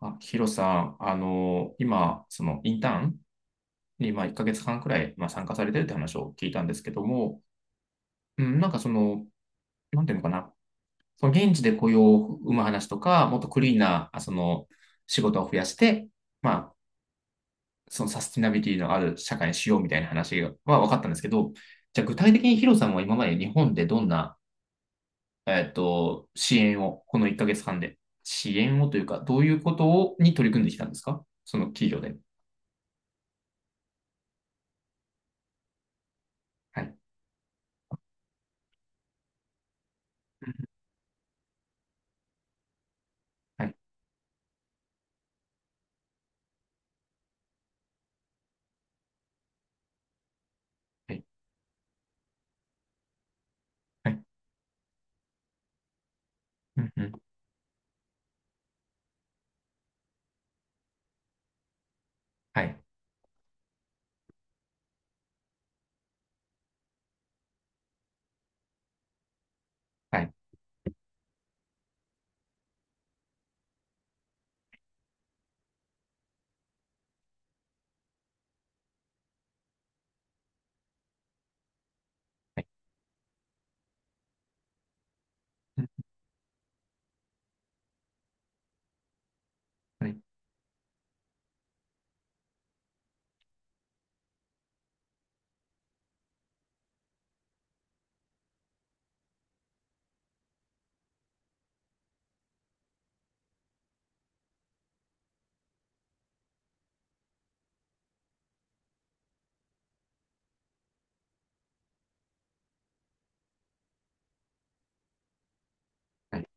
あ、ヒロさん、今、そのインターンに、まあ、1ヶ月半くらい、まあ、参加されてるって話を聞いたんですけども、うん、なんかその、なんていうのかな、その現地で雇用を生む話とか、もっとクリーンな、その、仕事を増やして、まあ、そのサスティナビリティのある社会にしようみたいな話は分かったんですけど、じゃあ具体的にヒロさんは今まで日本でどんな、支援を、この1ヶ月半で、支援をというか、どういうことをに取り組んできたんですかその企業で。はい。はいはい。はい。うんうん。はい。はい。はい。うん、はい。はい。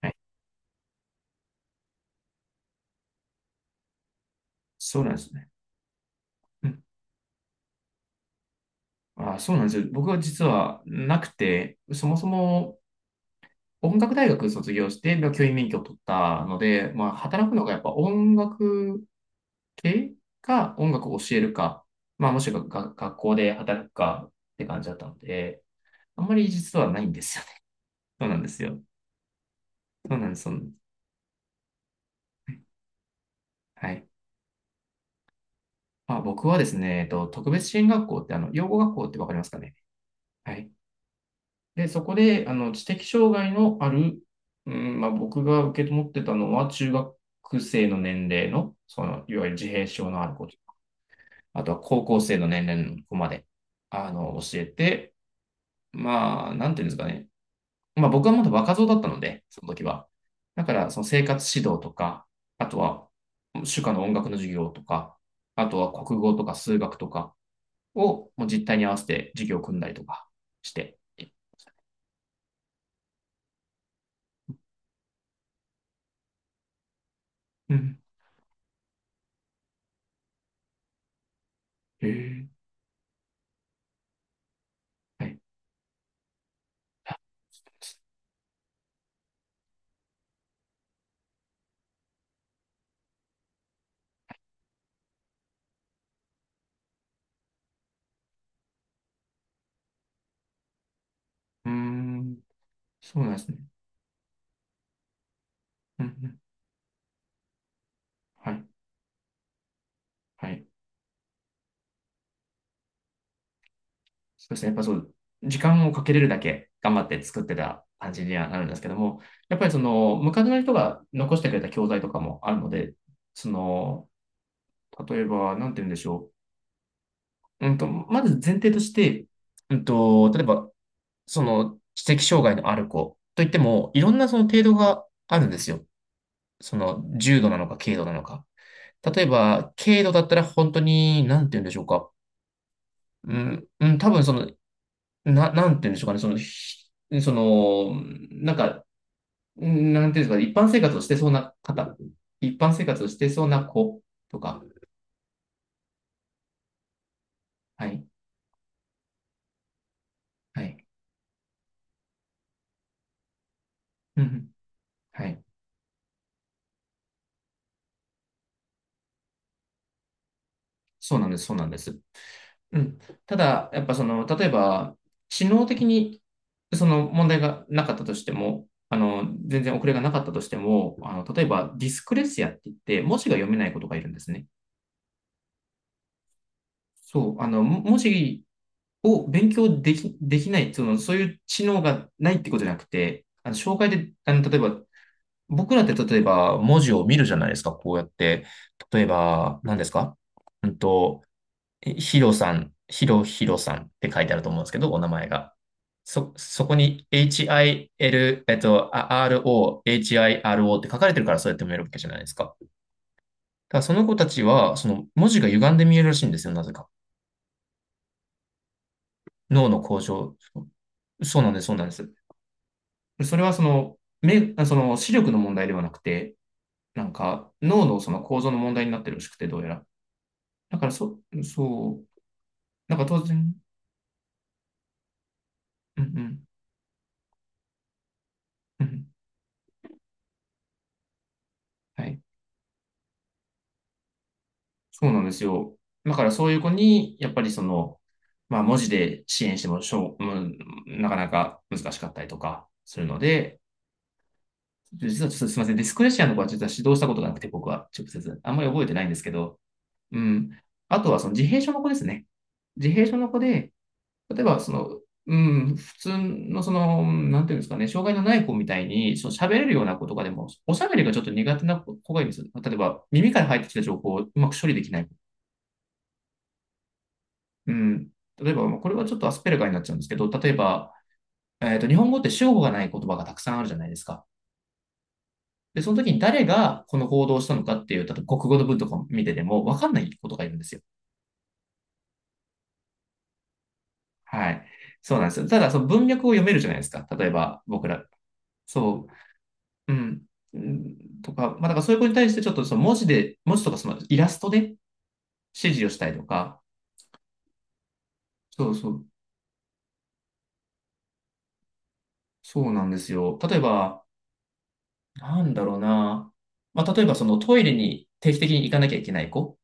はい。そうなんですね。うん。あ、そうなんですよ。僕は実はなくて、そもそも音楽大学卒業して、まあ教員免許を取ったので、まあ、働くのがやっぱ音楽系か、音楽を教えるか、まあ、もしくはが学校で働くかって感じだったので、あんまり実はないんですよね。そうなんですよ。そうなんです。そうなんです、はい。まあ、僕はですね、特別支援学校って、養護学校ってわかりますかね。はい。で、そこで、知的障害のある、うん、まあ、僕が受け持ってたのは、中学生の年齢の、その、いわゆる自閉症のある子と、あとは高校生の年齢の子まで、教えて、まあ、なんていうんですかね。まあ、僕はまだ若造だったので、その時は。だから、その生活指導とか、あとは、主科の音楽の授業とか、あとは国語とか数学とかを、もう実態に合わせて授業を組んだりとかして。うん。へえ。はい。うーん、そうなんですね。うんうん、はい、はい。そうですね。やっぱそう、時間をかけれるだけ頑張って作ってた感じにはなるんですけども、やっぱりその、昔の人が残してくれた教材とかもあるので、その、例えば、なんて言うんでしょう。まず前提として、例えば、その、知的障害のある子といっても、いろんなその程度があるんですよ。その、重度なのか、軽度なのか。例えば、軽度だったら本当に、なんて言うんでしょうか。うん、うん、多分その、なんて言うんでしょうかね、その、なんか、うん、なんていうんですかね、一般生活をしてそうな方、一般生活をしてそうな子とか、はい、はい、うんうん、はい、そうなんです、そうなんです。うん、ただ、やっぱその、例えば、知能的に、その問題がなかったとしても、全然遅れがなかったとしても、例えば、ディスクレシアって言って、文字が読めない子とかいるんですね。そう、も文字を勉強できない、その、そういう知能がないってことじゃなくて、障害で、例えば、僕らって例えば文字を見るじゃないですか、こうやって。例えば、何ですか。うんと、ヒロさん、ヒロさんって書いてあると思うんですけど、お名前が。そこに HIL、RO、HIRO って書かれてるからそうやって見えるわけじゃないですか。だからその子たちは、その文字が歪んで見えるらしいんですよ、なぜか。脳の向上。そうなんです、そうなんです。それはその、目、その視力の問題ではなくて、なんか脳のその構造の問題になってるらしくて、どうやら。だからそう、なんか当然、うんうん、うん、はい、そうなんですよ。だからそういう子に、やっぱりその、まあ文字で支援してもしょう、うん、なかなか難しかったりとかするので、実はちょっとすみません、ディスクレシアの子は実は指導したことがなくて、僕は直接、あんまり覚えてないんですけど、うん。あとはその自閉症の子ですね。自閉症の子で、例えば、その、うん、普通の、その、なんていうんですかね、障害のない子みたいに、その喋れるような子とかでも、おしゃべりがちょっと苦手な子がいるんですよ。例えば、耳から入ってきた情報をうまく処理できない子。うん。例えば、これはちょっとアスペルガーになっちゃうんですけど、例えば、日本語って主語がない言葉がたくさんあるじゃないですか。で、その時に誰がこの行動をしたのかっていう、例えば国語の文とか見てても、わかんないことがいるんですよ。はい。そうなんですよ。ただ、その文脈を読めるじゃないですか。例えば、僕ら。そう。うん。うんとか、まあ、だからそういう子に対してちょっとその文字で、文字とかそのイラストで指示をしたりとか、そうそう、そうなんですよ。例えば、なんだろうな。まあ、例えばそのトイレに定期的に行かなきゃいけない子、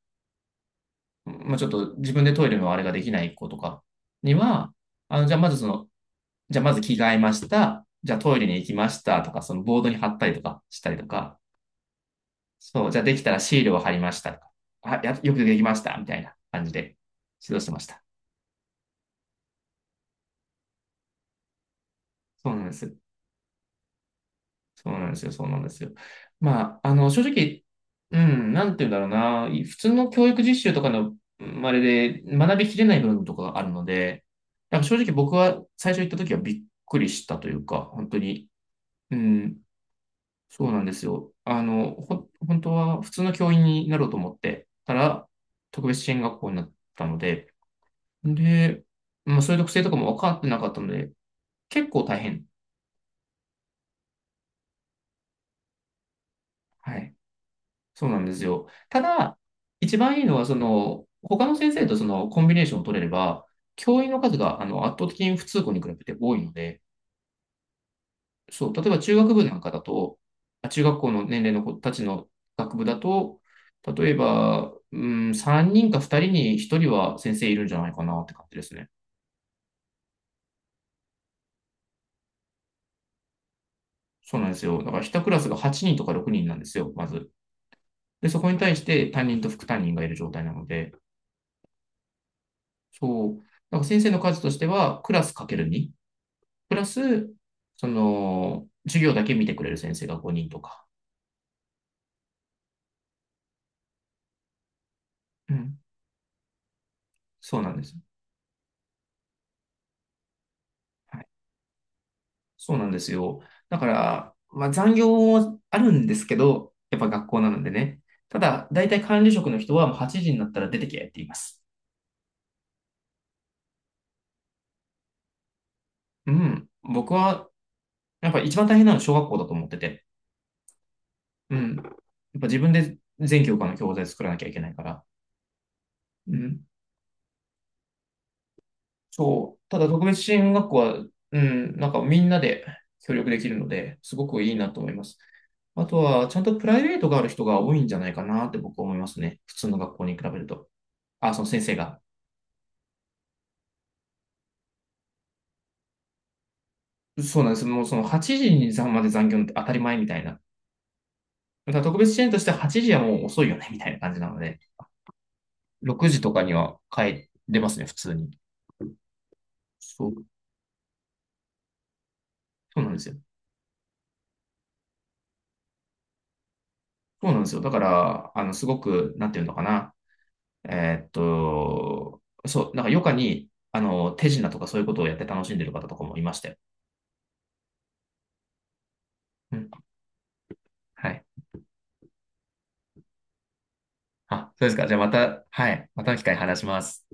まあ、ちょっと自分でトイレのあれができない子とかには、じゃあまずその、じゃあまず着替えました。じゃあトイレに行きましたとか、そのボードに貼ったりとかしたりとか、そう、じゃあできたらシールを貼りましたとか、あ、や、よくできましたみたいな感じで指導してました。そうなんです。そうなんですよ。そうなんですよ。まあ、正直、うん、なんて言うんだろうな。普通の教育実習とかの、うん、あれで学びきれない部分とかがあるので、なんか正直僕は最初行った時はびっくりしたというか、本当に、うん、そうなんですよ。本当は普通の教員になろうと思ってたら、特別支援学校になったので、で、まあそういう特性とかも分かってなかったので、結構大変。はい。そうなんですよ。ただ、一番いいのは、その、他の先生とそのコンビネーションを取れれば、教員の数が圧倒的に普通校に比べて多いので、そう、例えば中学部なんかだと、中学校の年齢の子たちの学部だと、例えば、うん、3人か2人に1人は先生いるんじゃないかなって感じですね。そうなんですよ。だから1クラスが8人とか6人なんですよ、まず。で、そこに対して担任と副担任がいる状態なので、そう。だから先生の数としては、クラスかける2にプラス、その、授業だけ見てくれる先生が5人とか。うん。そうなんです。はい。そうなんですよ。だから、まあ残業もあるんですけど、やっぱ学校なのでね。ただ、大体管理職の人はもう8時になったら出てけって言います。うん。僕は、やっぱ一番大変なのは小学校だと思ってて。うん。やっぱ自分で全教科の教材作らなきゃいけないから。うん。そう。ただ特別支援学校は、うん、なんかみんなで協力できるので、すごくいいなと思います。あとは、ちゃんとプライベートがある人が多いんじゃないかなって僕は思いますね。普通の学校に比べると。あ、その先生が。そうなんです。もうその8時に残まで残業って当たり前みたいな。ただ特別支援としては8時はもう遅いよねみたいな感じなので、6時とかには帰れますね、普通に。そう、そうなんですよ。そうなんですよ。だから、すごく、なんていうのかな。えーっと、そう、なんか余暇に、手品とかそういうことをやって楽しんでる方とかもいましたよ。うん。はい。あ、そうですか。じゃあまた、はい。またの機会に話します。